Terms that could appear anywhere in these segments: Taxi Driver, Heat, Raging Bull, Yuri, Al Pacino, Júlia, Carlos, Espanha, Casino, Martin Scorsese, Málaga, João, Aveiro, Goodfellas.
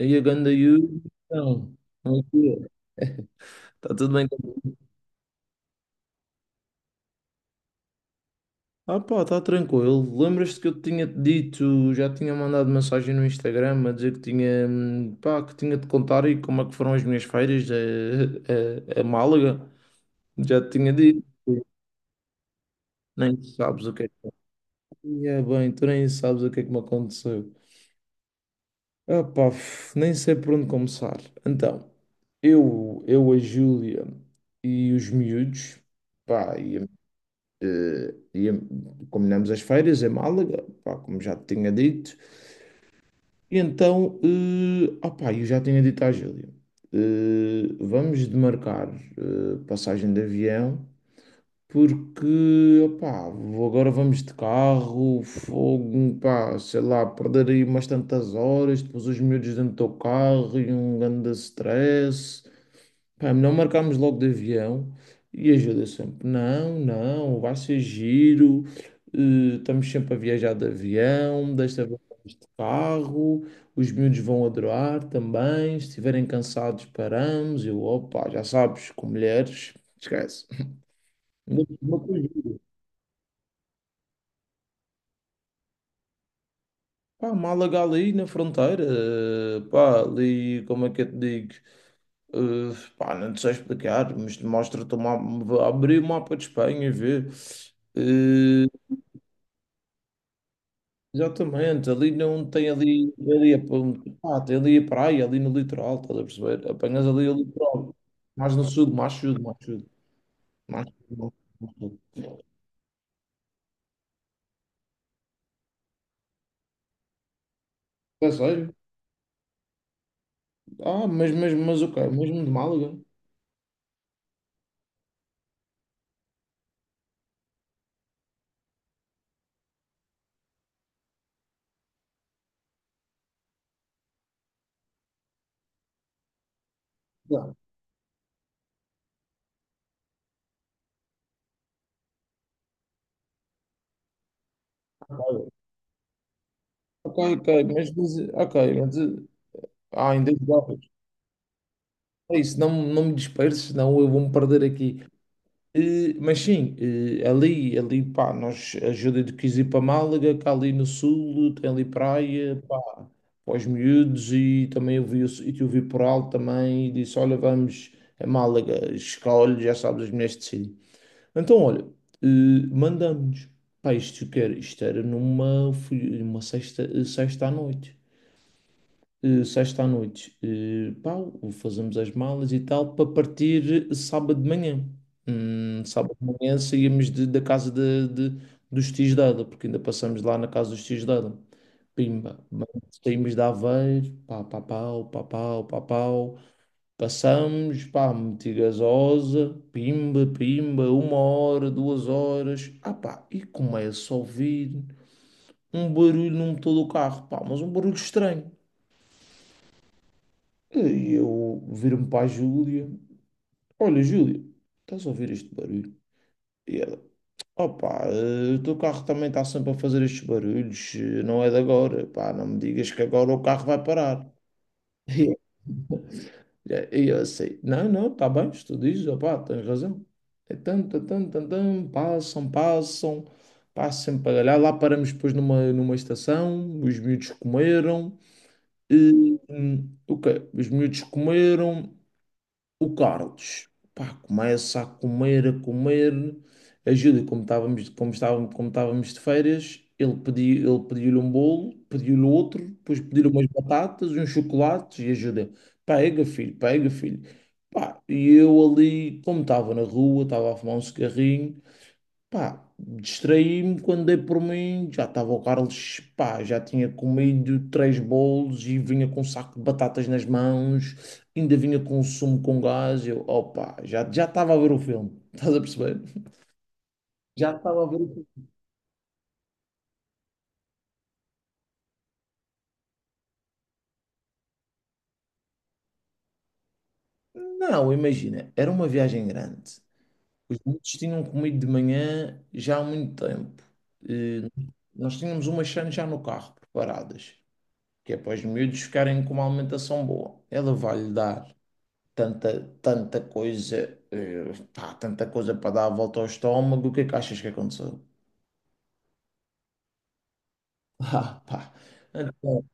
Aí a ganda Yuri, então, como é que é? Está tudo bem contigo? Ah pá, está tranquilo. Lembras-te que eu te tinha dito, já tinha mandado mensagem no Instagram a dizer que tinha, pá, que tinha de contar e como é que foram as minhas férias a Málaga? Já te tinha dito, nem sabes o que é bem, tu nem sabes o que é que me aconteceu. Ah pá, nem sei por onde começar. Então, a Júlia e os miúdos, pá, e Eh, ia- combinamos as feiras em Málaga, pá, como já te tinha dito. E então, eu já tinha dito à Júlia, vamos demarcar passagem de avião, porque, opá, agora vamos de carro, fogo, pá, sei lá, perder aí umas tantas horas, depois os miúdos dentro do carro e um grande stress. Pá, não marcámos logo de avião e ajuda sempre. Não, não, vai ser giro. Estamos sempre a viajar de avião, desta vez de carro. Os miúdos vão adorar também. Se estiverem cansados, paramos. Eu, opa, já sabes, com mulheres, esquece. Ainda por cima com os... Pá, Málaga ali na fronteira, pá, ali, como é que eu te digo? Pá, não te sei explicar, mas abrir o mapa de Espanha e ver. Eh, Exatamente, ali não tem ali, ali, tem ali a praia, ali no litoral, estás a perceber? Apanhas ali o litoral, mais no sul, mais sul, mais sul, mais sul. Mais sul. É sério? Ah, mas ok, mesmo de Málaga? Não, ok, ok, mas diz, ok, mas, em 10 horas. É isso, não, não me disperses, senão eu vou-me perder aqui. Mas sim, ali, ali, pá, nós, a Júlia de quis ir para Málaga, que ali no sul tem ali praia, pá, para os miúdos e também e eu vi por alto também e disse, olha, vamos a Málaga, escolhe, já sabes, as mulheres decidem. Então, olha, eh, mandamos, pá, isto, isto era numa sexta, sexta à noite, pá, fazemos as malas e tal, para partir sábado de manhã. Sábado de manhã saímos da casa dos tios dela, porque ainda passamos lá na casa dos tios dela. Pimba, mano, saímos de Aveiro, pá, pá, pau, pá, pau, pá, pau. Passamos, pá, meti gasosa, pimba, pimba, uma hora, 2 horas. Ah, pá, e começa a ouvir um barulho no motor do carro, pá, mas um barulho estranho. E eu viro-me para a Júlia. Olha, Júlia, estás a ouvir este barulho? E ela, opá, o teu carro também está sempre a fazer estes barulhos, não é de agora, pá, não me digas que agora o carro vai parar. E eu, assim, não, não, está bem, se tu dizes, opá, tens razão. É tan, tan, tan, tan, tan, passam, passam sempre para lá, lá paramos depois numa estação, os miúdos comeram, e, o quê? Os miúdos comeram. O Carlos, pá, começa a comer, a comer. A Júlia, como estávamos, como estávamos de férias, ele pediu-lhe um bolo, pediu-lhe outro, depois pediu-lhe umas batatas, uns chocolates e a Júlia, pega filho, pega filho. Pá, e eu ali, como estava na rua, estava a fumar um cigarrinho, pá, distraí-me quando dei por mim, já estava o Carlos, pá, já tinha comido três bolos e vinha com um saco de batatas nas mãos, ainda vinha com um sumo com gás, eu, opa, já estava a ver o filme, estás a perceber? Já estava a ver o filme. Não, imagina, era uma viagem grande. Os miúdos tinham comido de manhã já há muito tempo. Eh, Nós tínhamos umas chances já no carro preparadas, que é para os miúdos ficarem com uma alimentação boa. Ela vai-lhe dar. Tanta, tanta coisa, eh, pá, tanta coisa para dar a volta ao estômago, o que é que achas que aconteceu? Ah, pá, então,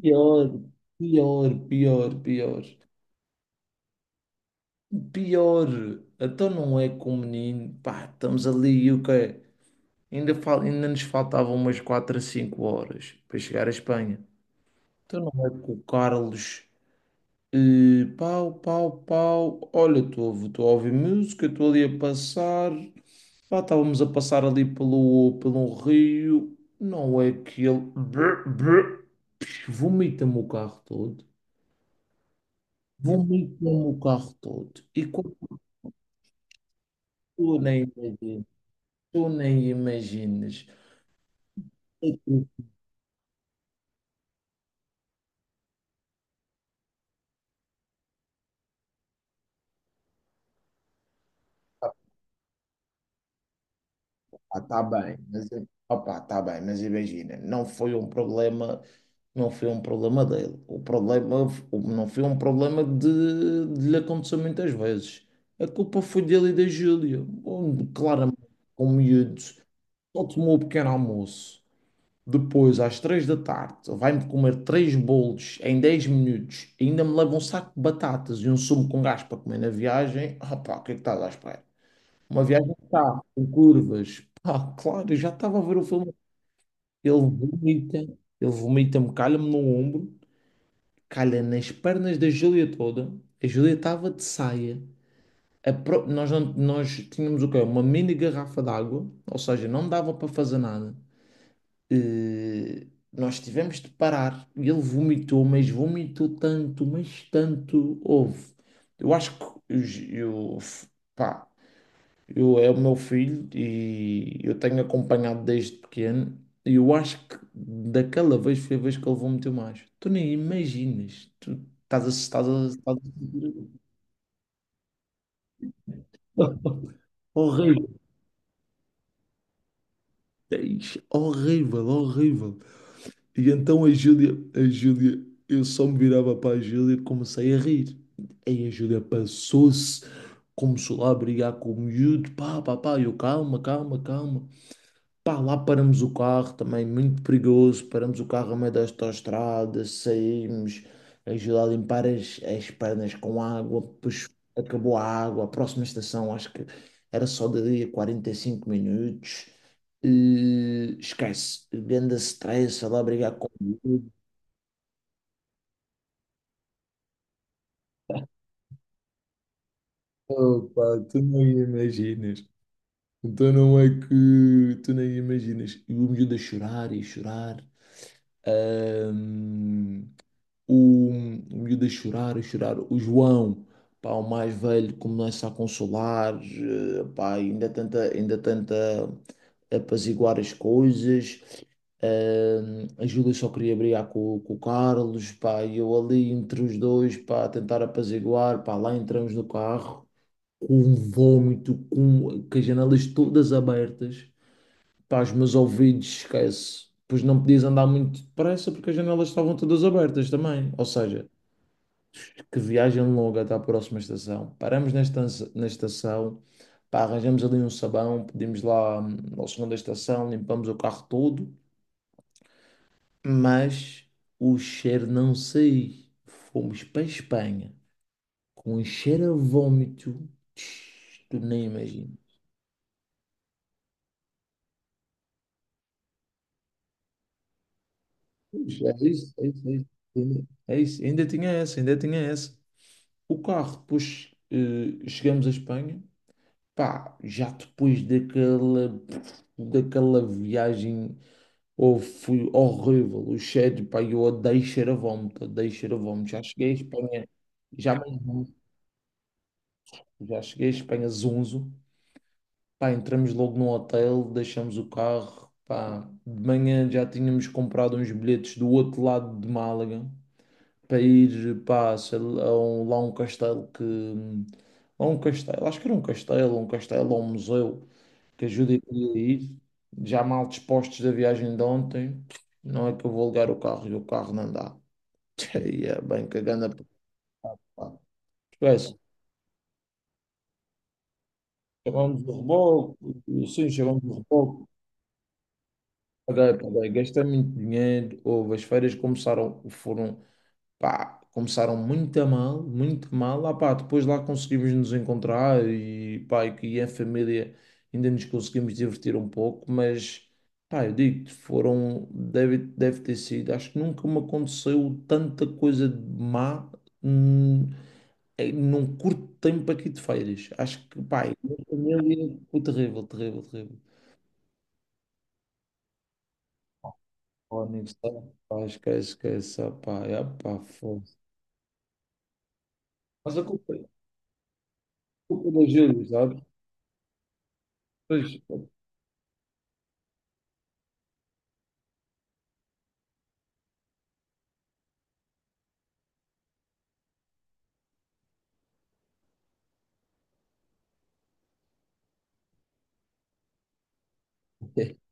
pior, pior, pior, pior, pior, então não é com o menino, pá, estamos ali e o quê? Ainda nos faltavam umas 4 a 5 horas para chegar à Espanha. Então não é com o Carlos. Pau, pau, pau. Olha, estou a ouvir música, estou ali a passar. Pá, estávamos a passar ali pelo rio, não é que ele brr, brr, psh, vomita-me o carro todo, vomita-me o carro todo. E quando tu nem imaginas, tu nem imaginas, é que, pá, tá bem, mas opa, tá bem, mas imagina, não foi um problema, não foi um problema dele, o problema f- o- não foi um problema de lhe acontecer muitas vezes. A culpa foi dele e da Júlia, onde claramente com miúdos. Só tomou o pequeno almoço. Depois, às 3 da tarde, vai-me comer três bolos em 10 minutos. Ainda me leva um saco de batatas e um sumo com gás para comer na viagem. Ah, pá, o que é que estás à espera? Uma viagem que está com curvas. Ah, claro, eu já estava a ver o filme. Ele vomita, ele vomita-me, calha-me no ombro, calha nas pernas da Júlia toda. A Júlia estava de saia. Nós, nós tínhamos o quê? Uma mini garrafa d'água, ou seja, não dava para fazer nada. Nós tivemos de parar. E ele vomitou, mas vomitou tanto, mas tanto. Houve. Eu acho que eu, eu, f- pá, eu é o meu filho e eu tenho acompanhado desde pequeno. E eu acho que daquela vez foi a vez que ele vomitou mais. Tu nem imaginas. Tu estás a. Estás a, estás a... Horrível, horrível, horrível. E então a Júlia, eu só me virava para a Júlia e comecei a rir. Aí a Júlia passou-se, começou lá a brigar com o miúdo, pá, pá, pá, eu calma, calma, calma. Pá, lá paramos o carro, também muito perigoso, paramos o carro a meio da autoestrada, saímos, ajudar a limpar as, as pernas com água, depois acabou a água, a próxima estação acho que era só dali a 45 minutos, e, esquece, grande stress, lá brigar com o miúdo. Opa, tu não imaginas. Então não é que tu nem imaginas. E o miúdo a chorar e a chorar. Ahm, o, o miúdo a chorar, a chorar. O João, pá, o mais velho, começa a consolar, pá, ainda tenta apaziguar as coisas. A Júlia só queria brigar com o Carlos, pá, e eu ali entre os dois, pá, a tentar apaziguar, pá, lá entramos no carro, com um vômito, com as janelas todas abertas, pá, os meus ouvidos, esquece. Pois não podias andar muito depressa porque as janelas estavam todas abertas também. Ou seja, que viagem longa até à próxima estação. Paramos na estação, pá, arranjamos ali um sabão, pedimos lá ao senhor da estação, limpamos o carro todo, mas o cheiro não sei. Fomos para a Espanha com um cheiro a vómito. Tch, tu nem imaginas. Puxa, é isso, é isso, é isso. É isso. Ainda tinha essa, ainda tinha essa. O carro, depois chegamos à Espanha, pá, já depois daquela, daquela viagem, oh, foi horrível. O cheiro, pá, eu odeio cheiro a vómito, odeio cheiro a vómito. Já, mesmo- já cheguei à Espanha zonzo. Pá, entramos logo no hotel, deixamos o carro. Pá, de manhã já tínhamos comprado uns bilhetes do outro lado de Málaga para ir, pá, sei lá, lá a um castelo que... lá a um castelo, acho que era um castelo ou um museu. Que ajudem a ir, já mal dispostos da viagem de ontem, não é que eu vou ligar o carro e o carro não dá. E é bem cagando a pá. Esquece, chamamos o reboco, sim, chamamos o reboco. Paguei, paguei, gastei muito dinheiro, houve, as feiras começaram, foram pá, começaram muito a mal, muito a mal. Ah, pá, depois lá conseguimos nos encontrar e, pá, e que em família ainda nos conseguimos divertir um pouco, mas, pá, eu digo-te, foram, deve, deve ter sido, acho que nunca me aconteceu tanta coisa de má. hum, Num curto tempo aqui de férias, acho que, pá, a minha família foi terrível, terrível, terrível. Ó, aniversário, pá, esquece, esquece, ah, pá, é, pá, foda. Mas a culpa da Júlia, sabe? Pois,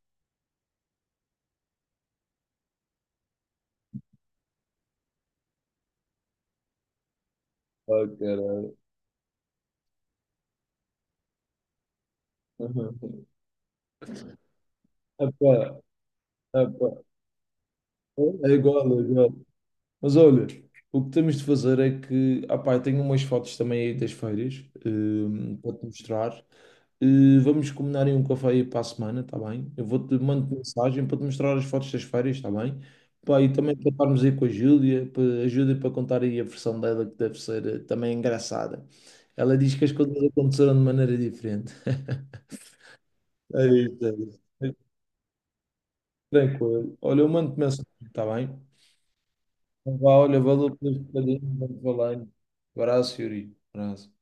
ah, caralho. Epá, epá. É igual, é igual. Mas olha, o que temos de fazer é que, ah pá, eu tenho umas fotos também aí das feiras, para te mostrar. Vamos combinar em um café aí para a semana, tá bem? Eu vou-te mando mensagem para te mostrar as fotos das feiras, tá bem? Pá, e também para estarmos aí com a Júlia para contar aí a versão dela, que deve ser também engraçada. Ela diz que as coisas aconteceram de maneira diferente. É isso, é isso. Tranquilo. Olha, eu mando-te mensagem, está bem? Então vá, olha, valeu pelo bocadinho, mando-te valendo. Abraço, Yuri. Abraço.